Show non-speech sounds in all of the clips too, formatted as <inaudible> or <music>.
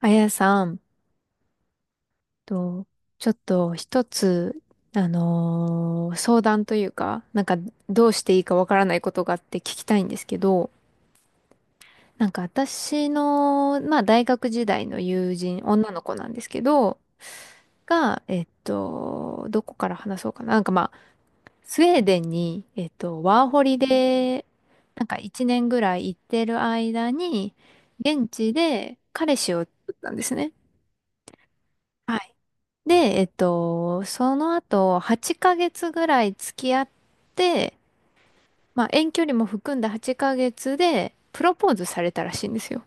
あやさんと、ちょっと一つ、相談というか、どうしていいかわからないことがあって聞きたいんですけど、私の、まあ大学時代の友人、女の子なんですけど、が、どこから話そうかな。まあ、スウェーデンに、ワーホリで、一年ぐらい行ってる間に、現地で彼氏を作ったんですね。で、その後、8ヶ月ぐらい付き合って、まあ、遠距離も含んだ8ヶ月で、プロポーズされたらしいんですよ。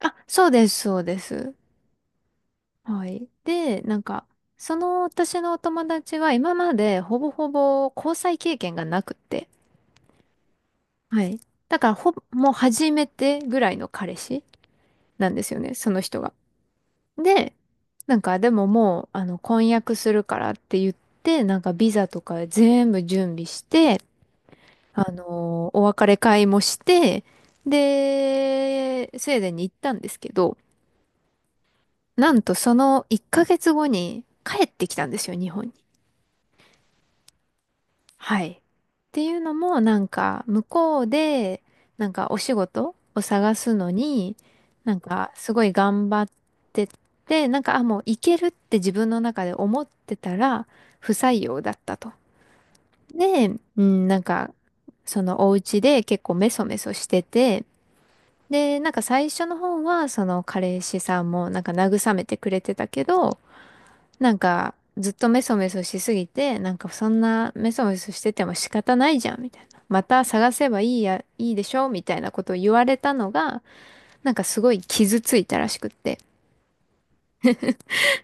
あ、そうです、そうです。はい。で、その私のお友達は今までほぼほぼ交際経験がなくって。はい。だから、ほぼ、もう初めてぐらいの彼氏なんですよね、その人が。で、なんかでももう、あの、婚約するからって言って、なんかビザとか全部準備して、お別れ会もして、で、スウェーデンに行ったんですけど、なんとその1ヶ月後に帰ってきたんですよ、日本に。はい。っていうのも、向こうで、お仕事を探すのに、すごい頑張ってて、あ、もういけるって自分の中で思ってたら、不採用だったと。で、うん、なんか、そのお家で結構メソメソしてて、で、最初の方は、その彼氏さんもなんか慰めてくれてたけど、ずっとメソメソしすぎて、なんかそんなメソメソしてても仕方ないじゃん、みたいな。また探せばいいや、いいでしょみたいなことを言われたのが、なんかすごい傷ついたらしくって。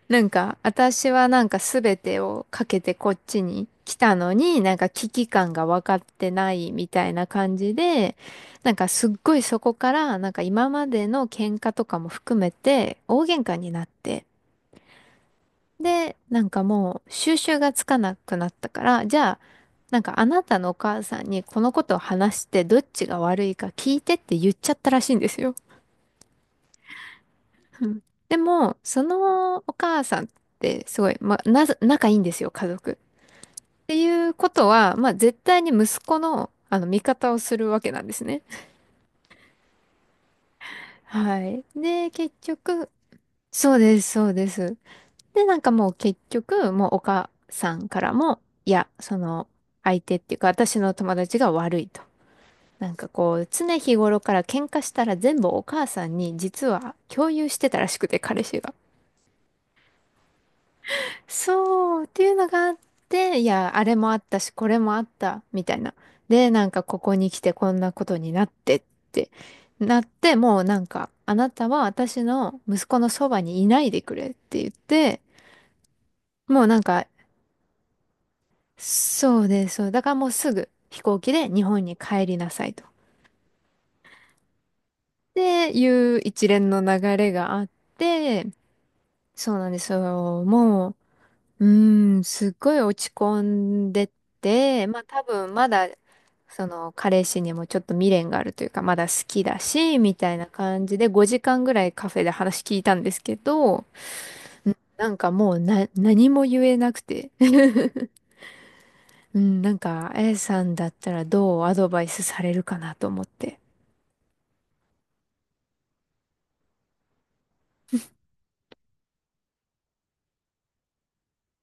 なんか、私はなんか全てをかけてこっちに来たのに、なんか危機感が分かってないみたいな感じで、なんかすっごいそこから、なんか今までの喧嘩とかも含めて、大喧嘩になって、で、なんかもう収拾がつかなくなったから、じゃあ、なんかあなたのお母さんにこのことを話してどっちが悪いか聞いてって言っちゃったらしいんですよ。うん。でも、そのお母さんってすごい、まあ、なぜ、仲いいんですよ、家族。っていうことは、まあ絶対に息子の、あの味方をするわけなんですね。はい。で、結局、そうです、そうです。で、なんかもう結局、もうお母さんからも、いや、その、相手っていうか、私の友達が悪いと。なんかこう、常日頃から喧嘩したら全部お母さんに実は共有してたらしくて、彼氏が。そう、っていうのがあって、いや、あれもあったし、これもあった、みたいな。で、なんかここに来てこんなことになってって、なって、もうなんか、あなたは私の息子のそばにいないでくれって言って、もうなんかそうです。そう。だからもうすぐ飛行機で日本に帰りなさいと。っていう一連の流れがあって、そうなんですよ。もう、うーん、すっごい落ち込んでて、まあ多分まだ、その彼氏にもちょっと未練があるというか、まだ好きだし、みたいな感じで5時間ぐらいカフェで話聞いたんですけど、うんなんかもうな、何も言えなくて。<laughs> うん、なんか、あやさんだったらどうアドバイスされるかなと思って。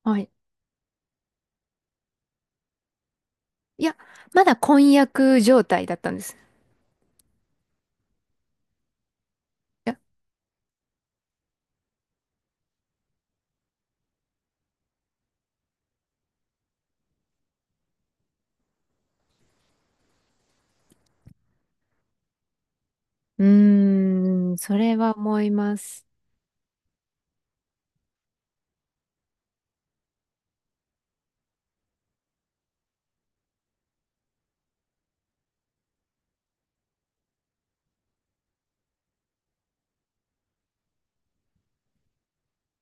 はい。いや、まだ婚約状態だったんです。いや、うーん、それは思います。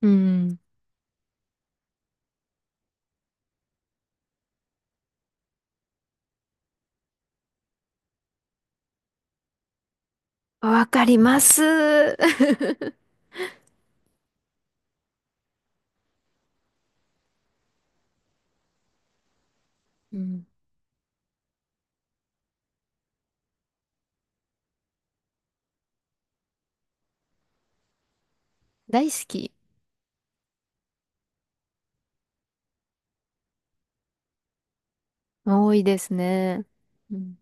うん。わかります。<laughs> うん。大好き。多いですね。うん。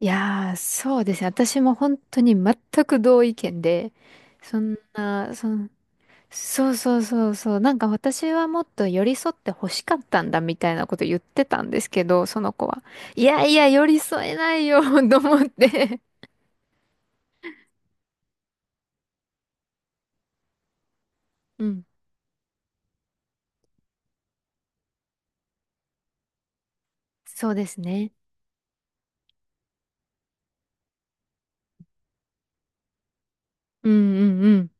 いやー、そうですね。私も本当に全く同意見で、そんな、そんそうそうそうそう。なんか私はもっと寄り添って欲しかったんだみたいなこと言ってたんですけど、その子は。いやいや、寄り添えないよ <laughs> と思って。うん。そうですね。うんうん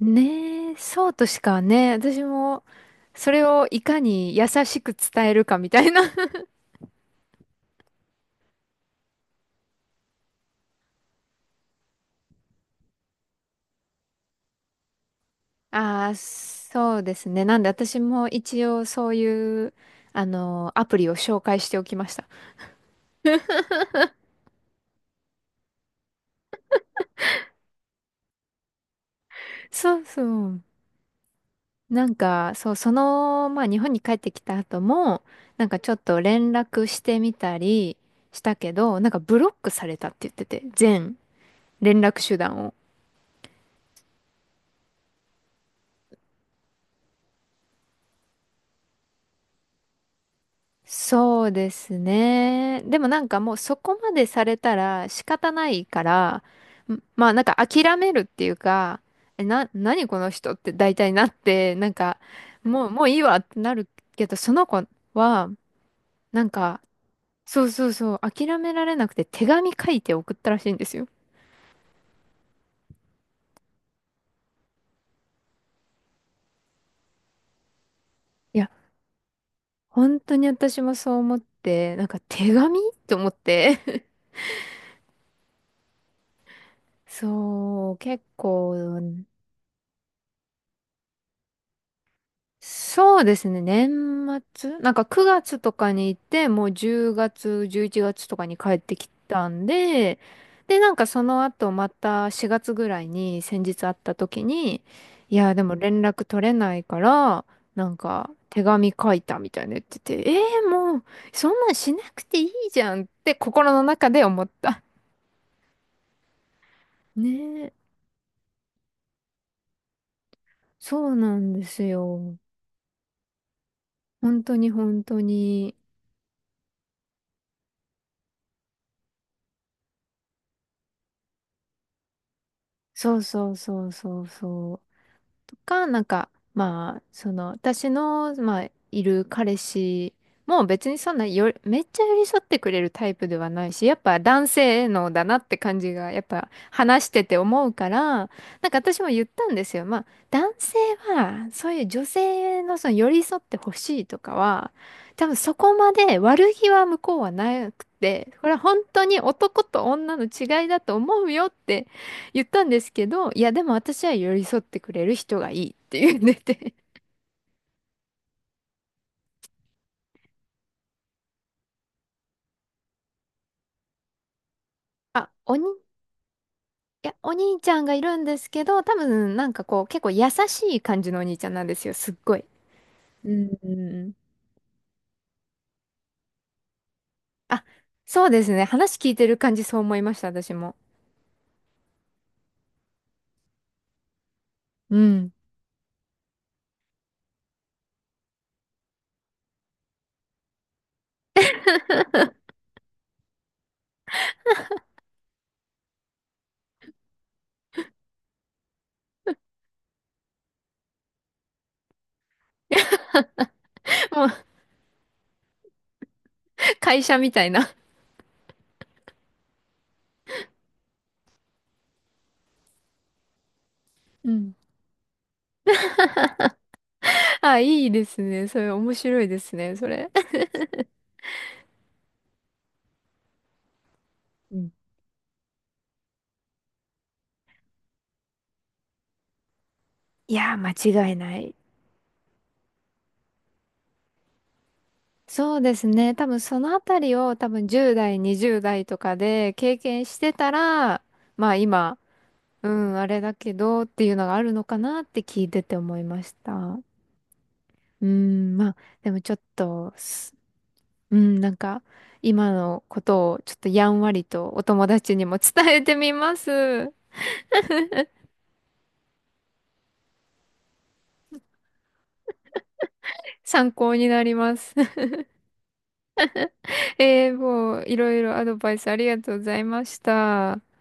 うん。ねえ、そうとしかね、私も、それをいかに優しく伝えるかみたいな。 <laughs> ああ、そうですね。なんで私も一応そういう、あの、アプリを紹介しておきました。そうそう。なんか、そう、その、まあ日本に帰ってきた後も、なんかちょっと連絡してみたりしたけど、なんかブロックされたって言ってて、全連絡手段を。そうですね。でもなんかもうそこまでされたら仕方ないから、まあなんか諦めるっていうか、何この人って大体なって、なんか、もういいわってなるけど、その子は、なんか、そう、諦められなくて手紙書いて送ったらしいんですよ。いや、本当に私もそう思って、なんか手紙と思って。<laughs> そう、結構、そうですね。年末なんか9月とかに行って、もう10月、11月とかに帰ってきたんで、で、なんかその後また4月ぐらいに先日会った時に、いや、でも連絡取れないから、なんか手紙書いたみたいな言ってて、えー、もうそんなんしなくていいじゃんって心の中で思った。<laughs> ねえ、そうなんですよ。本当に本当に。そうそうそうそうそう。とか、なんか、まあ、その、私の、まあ、いる彼氏も別にそんなよ、めっちゃ寄り添ってくれるタイプではないし、やっぱ男性のだなって感じが、やっぱ話してて思うから、なんか私も言ったんですよ。まあ、男性は、そういう女性のその寄り添ってほしいとかは、多分そこまで悪気は向こうはなくて、これは本当に男と女の違いだと思うよって言ったんですけど、いや、でも私は寄り添ってくれる人がいいって言ってて。あ、おに、いや、お兄ちゃんがいるんですけど、多分なんかこう、結構優しい感じのお兄ちゃんなんですよ、すっごい。うん。うんうんあ、そうですね。話聞いてる感じそう思いました、私も。うん。<laughs> もう、会社みたいな。うん。あ、いいですね。それ面白いですね、それ。うん。いやー、間違いない。そうですね。多分そのあたりを多分10代、20代とかで経験してたら、まあ今、うん、あれだけどっていうのがあるのかなって聞いてて思いました。うん、まあでもちょっとす、うん、なんか今のことをちょっとやんわりとお友達にも伝えてみます。参考になります。<laughs> えー、もういろいろアドバイスありがとうございました。